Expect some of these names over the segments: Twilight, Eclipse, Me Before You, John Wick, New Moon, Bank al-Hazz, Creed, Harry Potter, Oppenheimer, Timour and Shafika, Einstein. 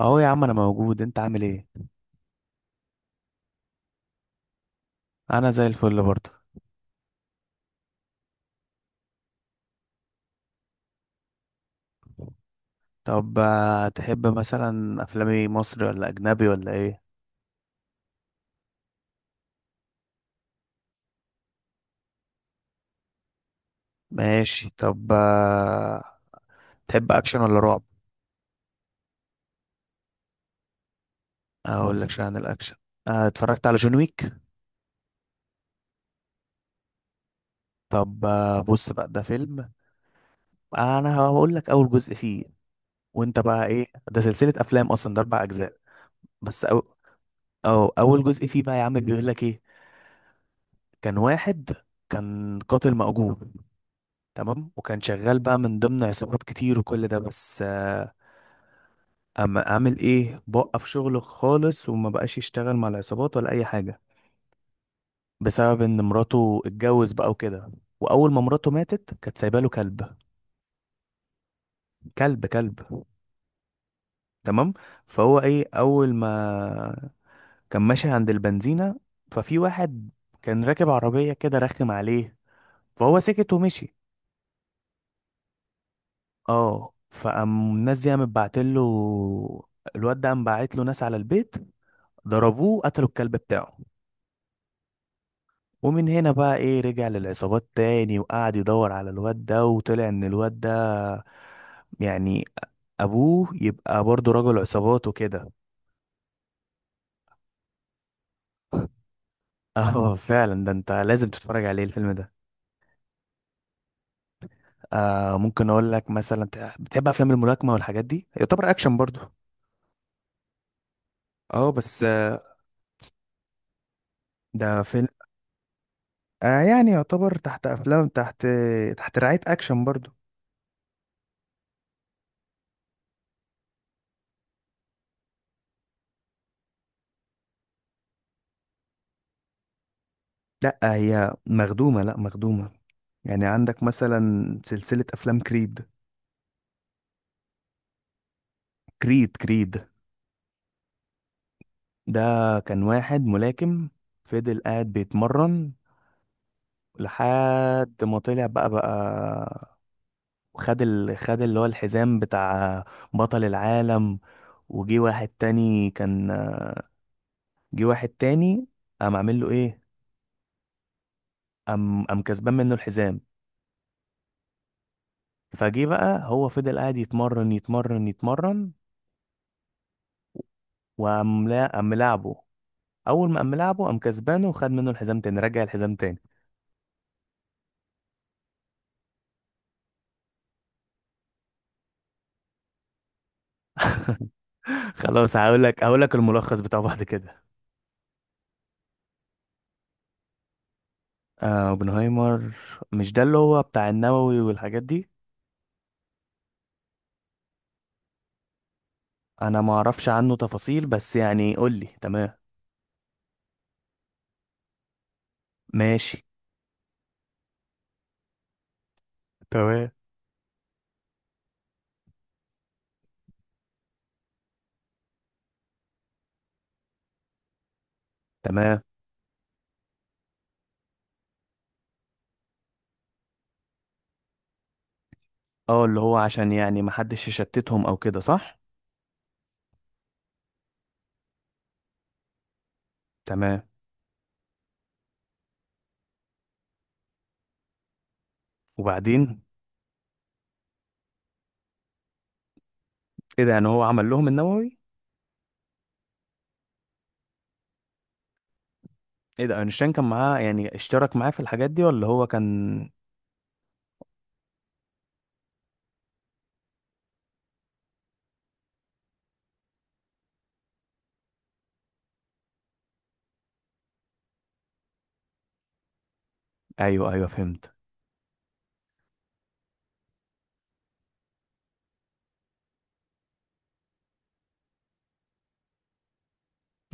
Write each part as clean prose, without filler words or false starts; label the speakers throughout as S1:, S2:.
S1: اهو يا عم، انا موجود. انت عامل ايه؟ انا زي الفل برضه. طب، تحب مثلا افلام ايه، مصري ولا اجنبي ولا ايه؟ ماشي. طب، تحب اكشن ولا رعب؟ اقول لك شويه عن الاكشن. اتفرجت على جون ويك. طب، بص بقى، ده فيلم. انا هقول لك اول جزء فيه. وانت بقى ايه؟ ده سلسله افلام اصلا، ده اربع اجزاء. بس أو... أو اول جزء فيه بقى، يا عم، بيقول لك ايه. كان واحد، كان قاتل مأجور. تمام. وكان شغال بقى من ضمن عصابات كتير وكل ده، بس اما اعمل ايه، بوقف شغله خالص وما بقاش يشتغل مع العصابات ولا اي حاجه، بسبب ان مراته اتجوز بقى وكده. واول ما مراته ماتت كانت سايبه له كلب. كلب كلب. تمام. فهو ايه، اول ما كان ماشي عند البنزينه، ففي واحد كان راكب عربيه كده، رخم عليه. فهو سكت ومشي. اه، فقام الناس دي قامت بعتله، الواد ده قام باعت له ناس على البيت، ضربوه، قتلوا الكلب بتاعه. ومن هنا بقى ايه، رجع للعصابات تاني وقعد يدور على الواد ده، وطلع ان الواد ده يعني ابوه يبقى برضه رجل عصابات وكده. اه، فعلا، ده انت لازم تتفرج عليه الفيلم ده. آه، ممكن اقول لك مثلا، بتحب افلام الملاكمة والحاجات دي، يعتبر اكشن برضه. اه، بس ده فيلم. آه، يعني يعتبر تحت رعاية اكشن برضه. لا، هي مخدومة، لا، مخدومة. يعني عندك مثلا سلسلة افلام كريد. كريد، كريد. ده كان واحد ملاكم، فضل قاعد بيتمرن لحد ما طلع بقى خد اللي هو الحزام بتاع بطل العالم. وجي واحد تاني كان جه واحد تاني، قام عامل له ايه؟ قام كسبان منه الحزام. فجه بقى، هو فضل قاعد يتمرن، يتمرن، يتمرن. وقام، لا، قام ملاعبه. اول ما قام ملاعبه، قام كسبانه وخد منه الحزام تاني، رجع الحزام تاني. خلاص، هقول لك الملخص بتاعه بعد كده. آه، اوبنهايمر. مش ده اللي هو بتاع النووي والحاجات دي؟ انا ما اعرفش عنه تفاصيل، بس يعني قول لي. تمام. ماشي. تمام، تمام. اه، اللي هو عشان يعني محدش يشتتهم او كده، صح؟ تمام. وبعدين؟ ايه ده؟ يعني هو عمل لهم النووي؟ ايه ده؟ اينشتاين كان معاه، يعني اشترك معاه في الحاجات دي، ولا هو كان؟ ايوه، ايوه، فهمت.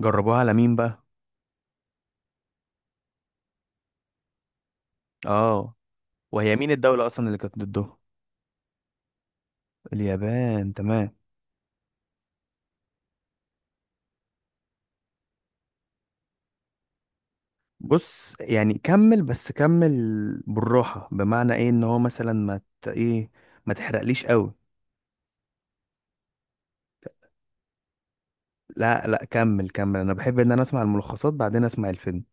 S1: جربوها على مين بقى؟ اه. وهي مين الدولة اصلا اللي كانت ضده؟ اليابان، تمام. بص، يعني كمل، بس كمل. بالراحة، بمعنى ايه ان هو مثلا ما ت... ايه ما تحرقليش قوي. لا، لا، كمل، كمل. انا بحب ان انا اسمع الملخصات، بعدين اسمع الفيلم.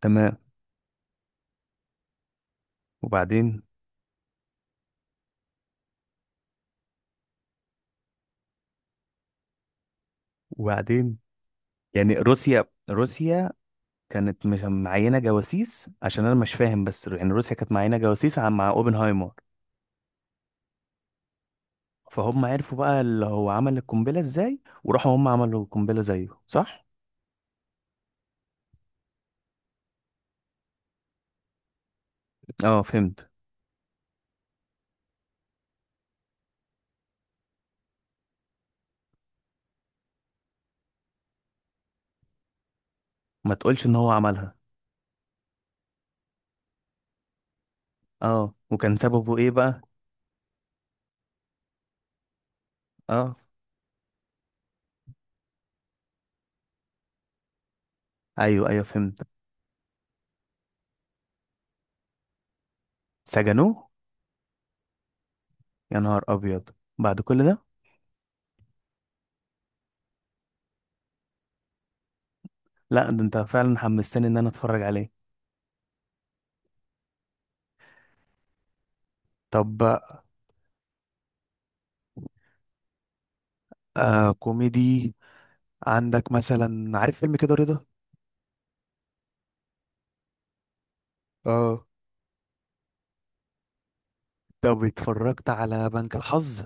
S1: تمام. وبعدين؟ وبعدين؟ يعني روسيا كانت مش معينة جواسيس؟ عشان انا مش فاهم، بس يعني روسيا كانت معينة جواسيس مع اوبنهايمر. فهم عرفوا بقى اللي هو عمل القنبلة ازاي وراحوا هم عملوا القنبلة زيه، صح؟ اه، فهمت. ما تقولش ان هو عملها؟ اه، وكان سببه ايه بقى؟ اه. ايوه، ايوه، فهمت. سجنوه؟ يا نهار ابيض! بعد كل ده؟ لا، ده انت فعلا حمستني ان انا اتفرج عليه. طب، كوميدي. عندك مثلا، عارف فيلم كده، رضا؟ اه. طب، اتفرجت على بنك الحظ.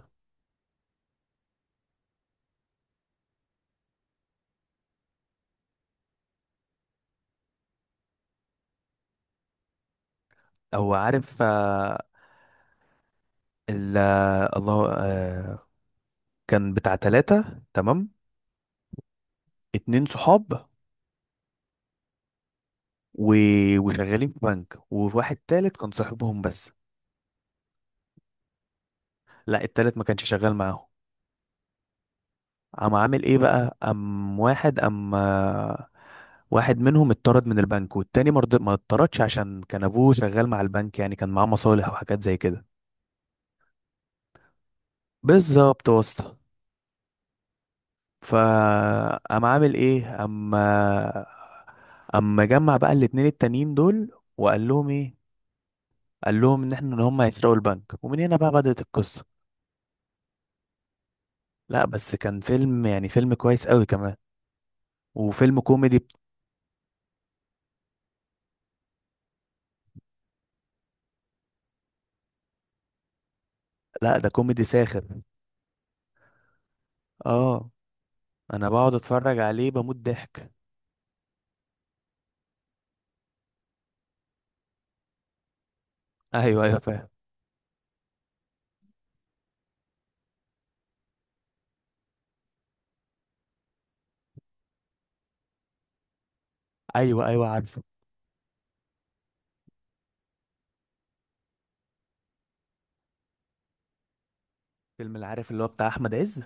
S1: او عارف، آه. الله. كان بتاع ثلاثة، تمام. اتنين صحاب، و... وشغالين في بنك، وواحد تالت كان صاحبهم بس. لا، التالت ما كانش شغال معاهم. قام عامل ايه بقى، قام واحد قام آه، واحد منهم اتطرد من البنك، والتاني ما اتطردش، عشان كان ابوه شغال مع البنك، يعني كان معاه مصالح وحاجات زي كده. بالظبط، واسطة. فقام عامل ايه، اما جمع بقى الاتنين التانيين دول، وقال لهم ايه، قال لهم ان هم هيسرقوا البنك، ومن هنا بقى بدأت القصة. لا، بس كان فيلم، يعني فيلم كويس قوي كمان. وفيلم كوميدي. لا، ده كوميدي ساخر. اه. انا بقعد اتفرج عليه، بموت ضحك. ايوه، ايوه، فاهم. ايوه، ايوه، عارفه. فيلم العارف، اللي هو بتاع احمد عز؟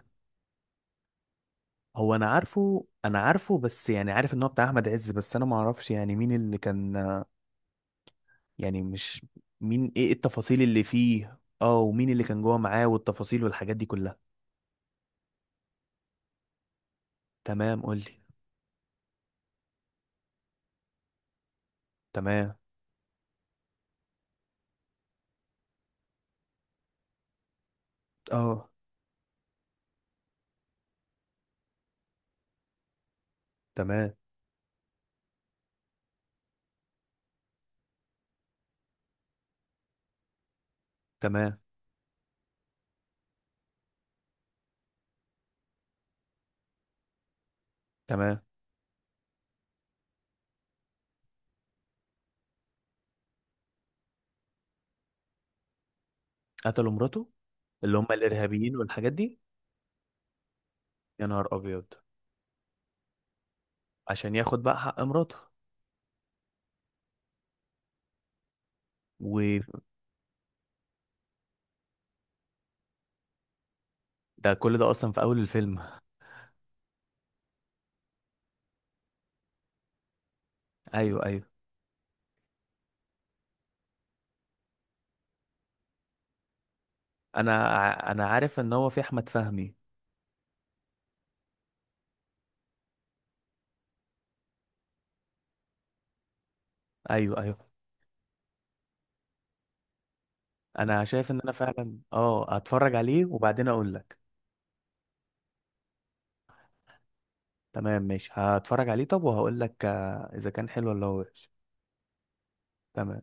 S1: هو انا عارفه بس يعني عارف ان هو بتاع احمد عز، بس انا ما اعرفش يعني مين اللي كان. يعني مش، ايه التفاصيل اللي فيه، اه، ومين اللي كان جوه معاه والتفاصيل والحاجات دي كلها. تمام، قول لي. تمام. اه. تمام، تمام، تمام. قتلوا مراته، اللي هم الارهابيين والحاجات دي. يا نهار ابيض! عشان ياخد بقى حق مراته. وده، كل ده اصلا في اول الفيلم؟ ايوه، ايوه. انا عارف ان هو في احمد فهمي. ايوه، ايوه. انا شايف ان انا فعلا هتفرج عليه، وبعدين اقول لك. تمام، ماشي، هتفرج عليه. طب، وهقول لك اذا كان حلو ولا وحش. تمام.